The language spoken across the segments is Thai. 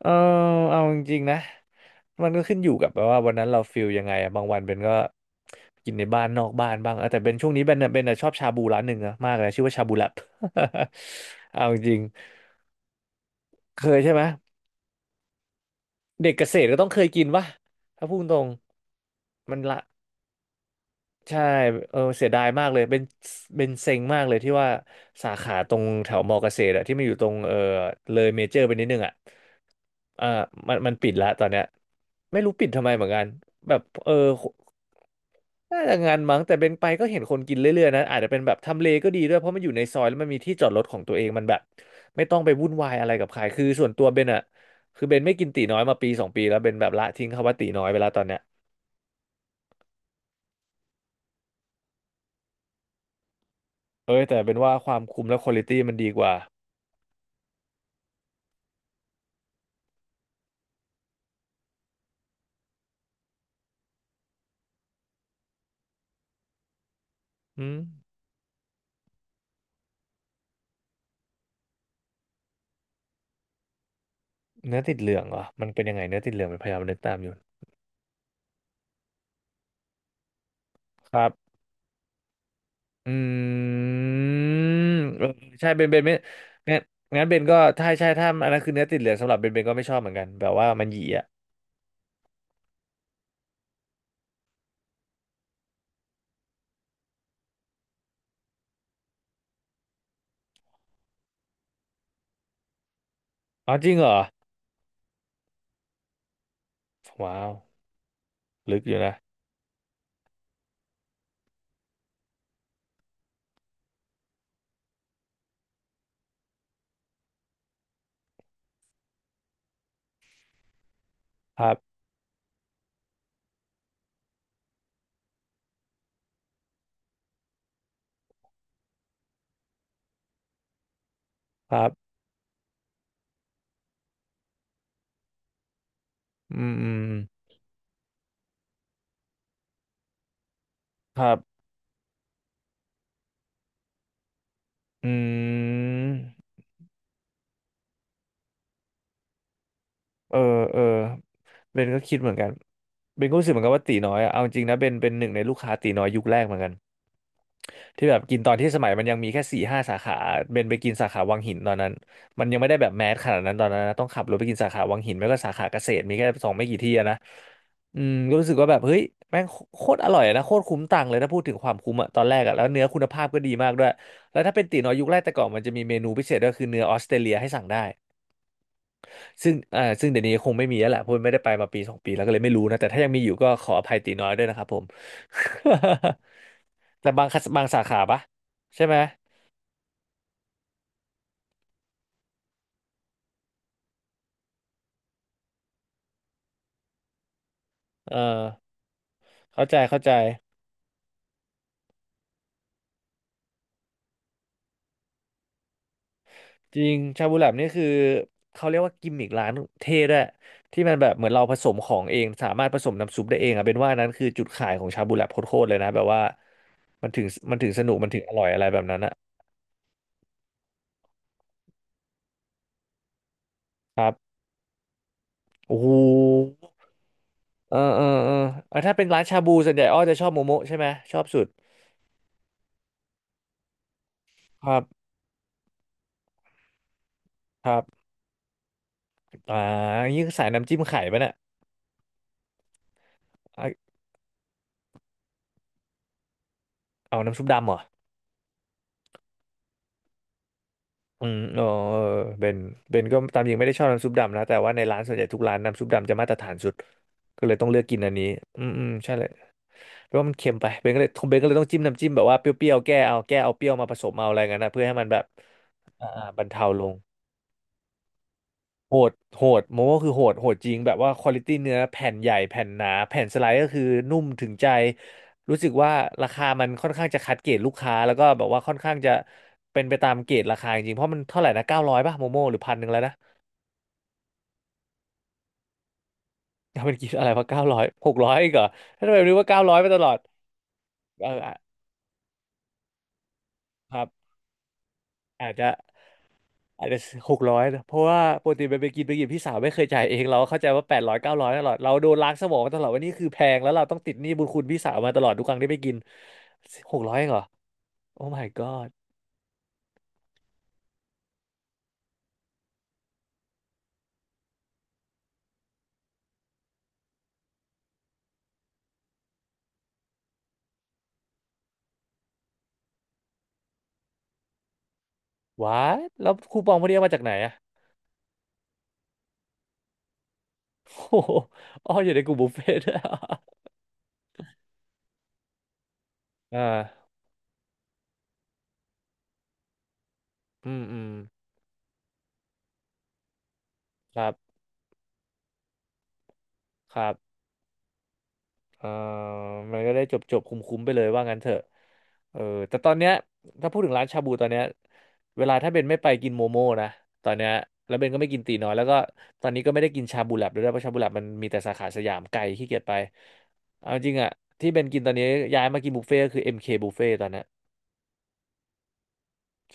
เออเอาจริงๆนะมันก็ขึ้นอยู่กับแบบว่าวันนั้นเราฟิลยังไงอะบางวันเป็นก็กินในบ้านนอกบ้านบ้างแต่เป็นช่วงนี้เป็นชอบชาบูร้านหนึ่งนะมากเลยชื่อว่าชาบูแลบ เอาจริงๆเคยใช่ไหมเด็กเกษตรก็ต้องเคยกินวะถ้าพูดตรงมันละ ใช่เสียดายมากเลยเป็นเซ็งมากเลยที่ว่าสาขาตรงแถวมอเกษตรอะที่มันอยู่ตรงเลยเมเจอร์ไปนิดนึงอะอ่ามันปิดละตอนเนี้ยไม่รู้ปิดทำไมเหมือนกันแบบน่าจะงานมั้งแต่เป็นไปก็เห็นคนกินเรื่อยๆนะ อาจจะเป็นแบบทำเลก็ดีด้วยเพราะมันอยู่ในซอยแล้วมันมีที่จอดรถของตัวเองมันแบบไม่ต้องไปวุ่นวายอะไรกับใครคือส่วนตัวเบนอะคือเบนไม่กินตีน้อยมาปีสองปีแล้วเบนแบบละทิ้งคำว่าตีน้อยไปแล้วตอนเนี้ยเอ้ยแต่เป็นว่าความคุ้มและควอลิตี้มันดีกว่า อืมเนื้อติดเหลืองเหรอมันเป็นยังไงเนื้อติดเหลืองเป็นพยายามนึกตามอยู่ครับอืมเออใช่เบนไม่งั้นงั้นเบนก็ถ้าใช่ถ้าอันนั้นคือเนื้อติดเหลืองสำหรับเบนก็ไม่ชอบเหมือนกันแบบว่ามันหยีอ่ะอ๋อจริงเหรอว้าวลึกอยู่นะครับครับอืมอืมครับอืมเออเออเบนก็คิดเหมือนกันเบนก็รู้สึกเหมือนกันว่าตีน้อยอะเอาจริงนะเบนเป็นหนึ่งในลูกค้าตีน้อยยุคแรกเหมือนกัน ที่แบบกินตอนที่สมัยมันยังมีแค่4-5 สาขาเบนไปกินสาขาวังหินตอนนั้นมันยังไม่ได้แบบแมสขนาดนั้นตอนนั้นนะต้องขับรถไปกินสาขาวังหินไม่ก็สาขาเกษตรมีแค่สองไม่กี่ที่อะนะอืมก็รู้สึกว่าแบบเฮ้ยแม่งโคตรอร่อยนะโคตรคุ้มตังค์เลยถ้าพูดถึงความคุ้มอะตอนแรกอะแล้วเนื้อคุณภาพก็ดีมากด้วยแล้วถ้าเป็นตี๋น้อยยุคแรกแต่ก่อนมันจะมีเมนูพิเศษก็คือเนื้อออสเตรเลียให้สั่งได้ ซึ่งเดี๋ยวนี้คงไม่มีแล้วแหละเพราะไม่ได้ไปมาปีสองปีแล้วก็เลยไม่รู้นะแต่ถ้ายังมีอยู่ก็ขออภัยตีน้อยด้วยนะครับผม แต่บางคัสบางสาขาปะใช่ไหมเออเข้าใจเข้าใจจริงชาบูแลบนี่คือเขาเรียกว่ากิมมิกร้านเท่ด้วยที่มันแบบเหมือนเราผสมของเองสามารถผสมน้ำซุปได้เองอ่ะเป็นว่านั้นคือจุดขายของชาบูแลบโคตรๆเลยนะแบบว่ามันถึงสนุกมันถึงอร่อยอะไรแบบนั้นนะครับโอ้โห เออเออเออเออถ้าเป็นร้านชาบูส่วนใหญ่อ้อจะชอบโมโมะใช่ไหมชอบสุดครับครับอ่ายิ่งใสายน้ำจิ้มไข่ปะเนี่ยเอาเอาน้ำซุปดำเหรออืมเออเออเบนเบนก็ตามจริงไม่ได้ชอบน้ำซุปดำนะแต่ว่าในร้านส่วนใหญ่ทุกร้านน้ำซุปดำจะมาตรฐานสุดก็เลยต้องเลือกกินอันนี้อืมอืมใช่เลยเพราะว่ามันเค็มไปเบนก็เลยต้องจิ้มน้ำจิ้มแบบว่าเปรี้ยวๆแก้เอาเปรี้ยวมาผสมเอาอะไรเงี้ยนนะเพื่อให้มันแบบบรรเทาลง โหดโมโมคือโหดจริงแบบว่าควอลิตี้เนื้อแผ่นใหญ่แผ่นหนาแผ่นสไลด์ก็คือนุ่มถึงใจรู้สึกว่าราคามันค่อนข้างจะคัดเกรดลูกค้าแล้วก็แบบว่าค่อนข้างจะเป็นไปตามเกรดราคาจริงเพราะมันเท่าไหร่นะเก้าร้อยป่ะโมโมหรือ1,100แล้วนะ ยังเป็นกินอะไรวะเก้าร้อยหกร้อยอีกเหรอถ้า ทำไมรู้ว่า900ไปตลอดเอออ่ะครับอาจจะ อาจจะ600เพราะว่าปกติไปไปกินพี่สาวไม่เคยจ่ายเองเราก็เข้าใจว่า800-900ตลอดเราโดนล้างสมองมาตลอดว่านี่คือแพงแล้วเราต้องติดหนี้บุญคุณพี่สาวมาตลอดทุกครั้งที่ไปกินหกร้อยเองเหรอโอ้ my god ว้าแล้วคูปองพวกนี้เอามาจากไหนอะ โอ้โหอ๋ออยู่ในกลุ่มบุฟเฟ่ต์ ด้วยอ่าอืมอืมครับครับ เออมันก็ได้จบจบคุ้มคุ้มๆไปเลยว่างั้นเถอะเออแต่ตอนเนี้ยถ้าพูดถึงร้านชาบูตอนเนี้ยเวลาถ้าเบนไม่ไปกินโมโม่นะ ตอนเนี้ยแล้วเบนก็ไม่กินตีน้อยแล้วก็ตอนนี้ก็ไม่ได้กินชาบูแลบด้วยนะเพราะชาบูแลบมันมีแต่สาขาสยามไกลขี้เกียจไปเอาจริงอะที่เบนกินตอนนี้ย้ายมากินบุฟเฟ่ต์ก็คือ MK บุฟเฟ่ตตอนเนี้ย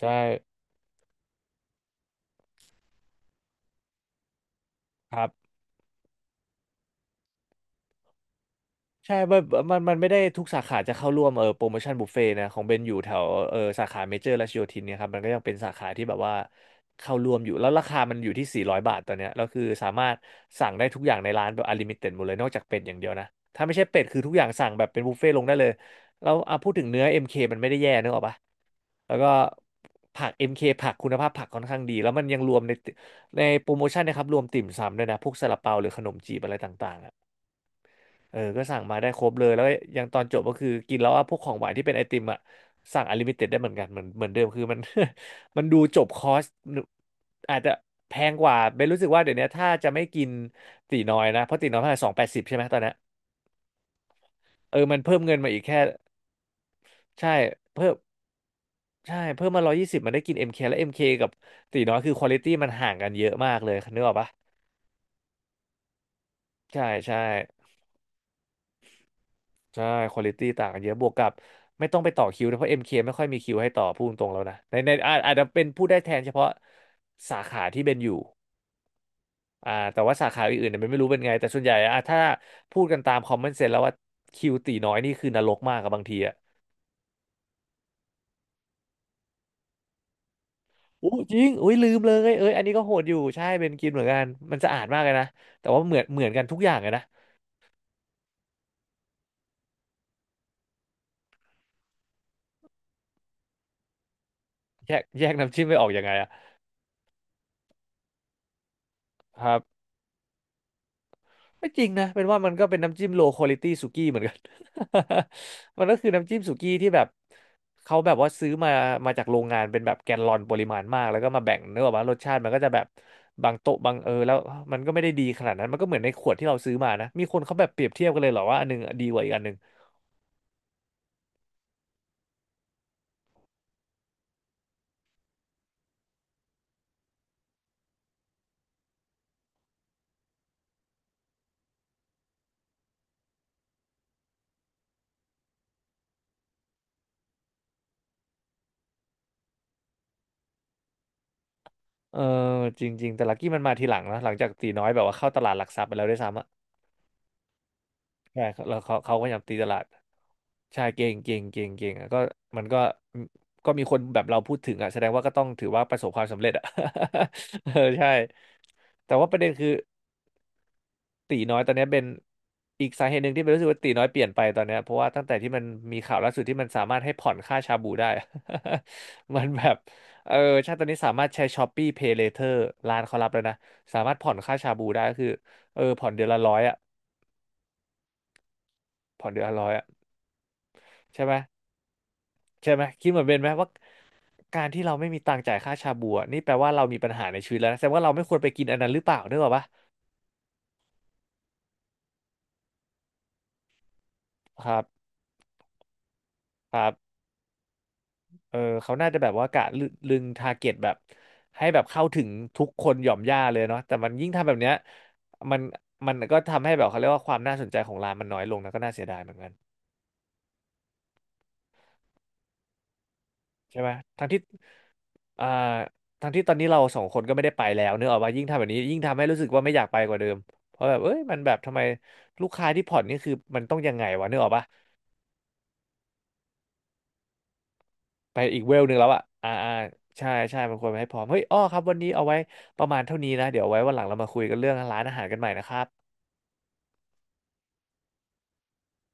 ใช่ครับ ใช่มันไม่ได้ทุกสาขาจะเข้าร่วมโปรโมชั่นบุฟเฟ่นะของเบนอยู่แถวสาขาเมเจอร์รัชโยธินเนี่ยครับมันก็ยังเป็นสาขาที่แบบว่าเข้าร่วมอยู่แล้วราคามันอยู่ที่400บาทตอนเนี้ยแล้วคือสามารถสั่งได้ทุกอย่างในร้านแบบอลิมิเต็ดหมดเลยนอกจากเป็ดอย่างเดียวนะถ้าไม่ใช่เป็ดคือทุกอย่างสั่งแบบเป็นบุฟเฟ่ตลงได้เลยแล้วอ่ะพูดถึงเนื้อเอ็มเคมันไม่ได้แย่นึกออกปะแล้วก็ผักเอ็มเคผักคุณภาพผักค่อนข้างดีแล้วมันยังรวมในโปรโมชั่นนะครับรวมติ่มซำด้วยนะพวกซาลาเปาหรือขนมจีบอะไรต่างๆอะ ก็สั่งมาได้ครบเลย แล้วก็ยังตอนจบก็คือกินแล้วว่าพวกของหวานที่เป็นไอติมอ่ะสั่งอ n l ลิมิเต็ดได้เหมือนกันเหมือนเดิม คือมัน มันดูจบคอร์สอาจจะแพงกว่าเบนรู้สึกว่าเดี๋ยวนี้ถ้าจะไม่กินตีน้อยนะ เพราะตีน้อยเท่าไหร่280ใช่ไหมตอนเนี้ยมันเพิ่มเงินมาอีกแค่ใช่เพิ่มมา120มันได้กินเอ็มเคและเอ็มเคกับตีน้อยคือควอลิตี้มันห่างกันเยอะมากเลยนึกออกปะใช่ใช่ ใช่คุณภาพต่างกันเยอะบวกกับไม่ต้องไปต่อคิวนะเพราะ MK ไม่ค่อยมีคิวให้ต่อพูดตรงๆแล้วนะในอาจจะเป็นพูดได้แทนเฉพาะสาขาที่เป็นอยู่อ่าแต่ว่าสาขาอื่นๆเนี่ยมันไม่รู้เป็นไงแต่ส่วนใหญ่อ่ะถ้าพูดกันตามคอมเมนต์เซนแล้วว่าคิวตีน้อยนี่คือนรกมากกับบางทีอ่ะอู้จริงอุ้ยลืมเลยเอ้ยอันนี้ก็โหดอยู่ใช่เป็นกินเหมือนกันมันสะอาดมากเลยนะแต่ว่าเหมือนเหมือนกันทุกอย่างเลยนะแยกน้ำจิ้มไม่ออกยังไงอ่ะครับ ไม่จริงนะเป็นว่ามันก็เป็นน้ำจิ้มโลค u a l i t y สุกี้เหมือนกัน มันก็คือน้ำจิ้มสุกี้ที่แบบเขาแบบว่าซื้อมามาจากโรงงานเป็นแบบแกลลอนปริมาณมากแล้วก็มาแบ่งเนื้อออกมารสชาติมันก็จะแบบบางโต๊ะบางแล้วมันก็ไม่ได้ดีขนาดนั้นมันก็เหมือนในขวดที่เราซื้อมานะมีคนเขาแบบเปรียบเทียบกันเลยเหรอว่าอันหนึงดีกว่าอีกอันหนึงเออจริงๆแต่ลักกี้มันมาทีหลังนะหลังจากตีน้อยแบบว่าเข้าตลาดหลักทรัพย์ไปแล้วด้วยซ้ำอะ ใช่แล้วเขาก็พยายามตีตลาดใช่เก่งอ่ะก็มันก็ก็มีคนแบบเราพูดถึงอ่ะแสดงว่าก็ต้องถือว่าประสบความสำเร็จอ่ะ เออใช่แต่ว่าประเด็นคือตีน้อยตอนเนี้ยเป็นอีกสาเหตุหนึ่งที่เป็นรู้สึกว่าตีน้อยเปลี่ยนไปตอนเนี้ยเพราะว่าตั้งแต่ที่มันมีข่าวล่าสุดที่มันสามารถให้ผ่อนค่าชาบูได้ มันแบบเออใช่ตอนนี้สามารถใช้ Shopee Pay Later ร้านเขารับแล้วนะสามารถผ่อนค่าชาบูได้ก็คือเออผ่อนเดือนละร้อยอ่ะผ่อนเดือนละร้อยอ่ะใช่ไหม ใช่ไหมคิดเหมือนเบนไหมว่าการที่เราไม่มีตังค์จ่ายค่าชาบูอะนี่แปลว่าเรามีปัญหาในชีวิตแล้วนะแสดงว่าเราไม่ควรไปกินอันนั้นหรือเปล่าด้วยหรอปะครับครับเออเขาน่าจะแบบว่ากะลึลึงทาร์เก็ตแบบให้แบบเข้าถึงทุกคนหย่อมย่าเลยเนาะแต่มันยิ่งทำแบบเนี้ยมันมันก็ทำให้แบบเขาเรียกว่าความน่าสนใจของร้านมันน้อยลงนะก็น่าเสียดายเหมือนกันใช่ไหมทั้งที่ อ่าทั้งที่ตอนนี้เราสองคนก็ไม่ได้ไปแล้วเนกอะว่ายิ่งทำแบบนี้ยิ่งทำให้รู้สึกว่าไม่อยากไปกว่าเดิมเพราะแบบเอ้ยมันแบบทำไมลูกค้าที่ผ่อนนี่คือมันต้องยังไงวะเนกออกปะไปอีกเวลหนึ่งแล้วอะอ่าอ่าใช่ใช่มันควรไปให้พร้อมเฮ้ยอ้อครับวันนี้เอาไว้ประมาณเท่านี้นะเดี๋ยวไว้วันหลังเรามาคุยกันเรื่องร้านอาหารกันใหม่นะครับ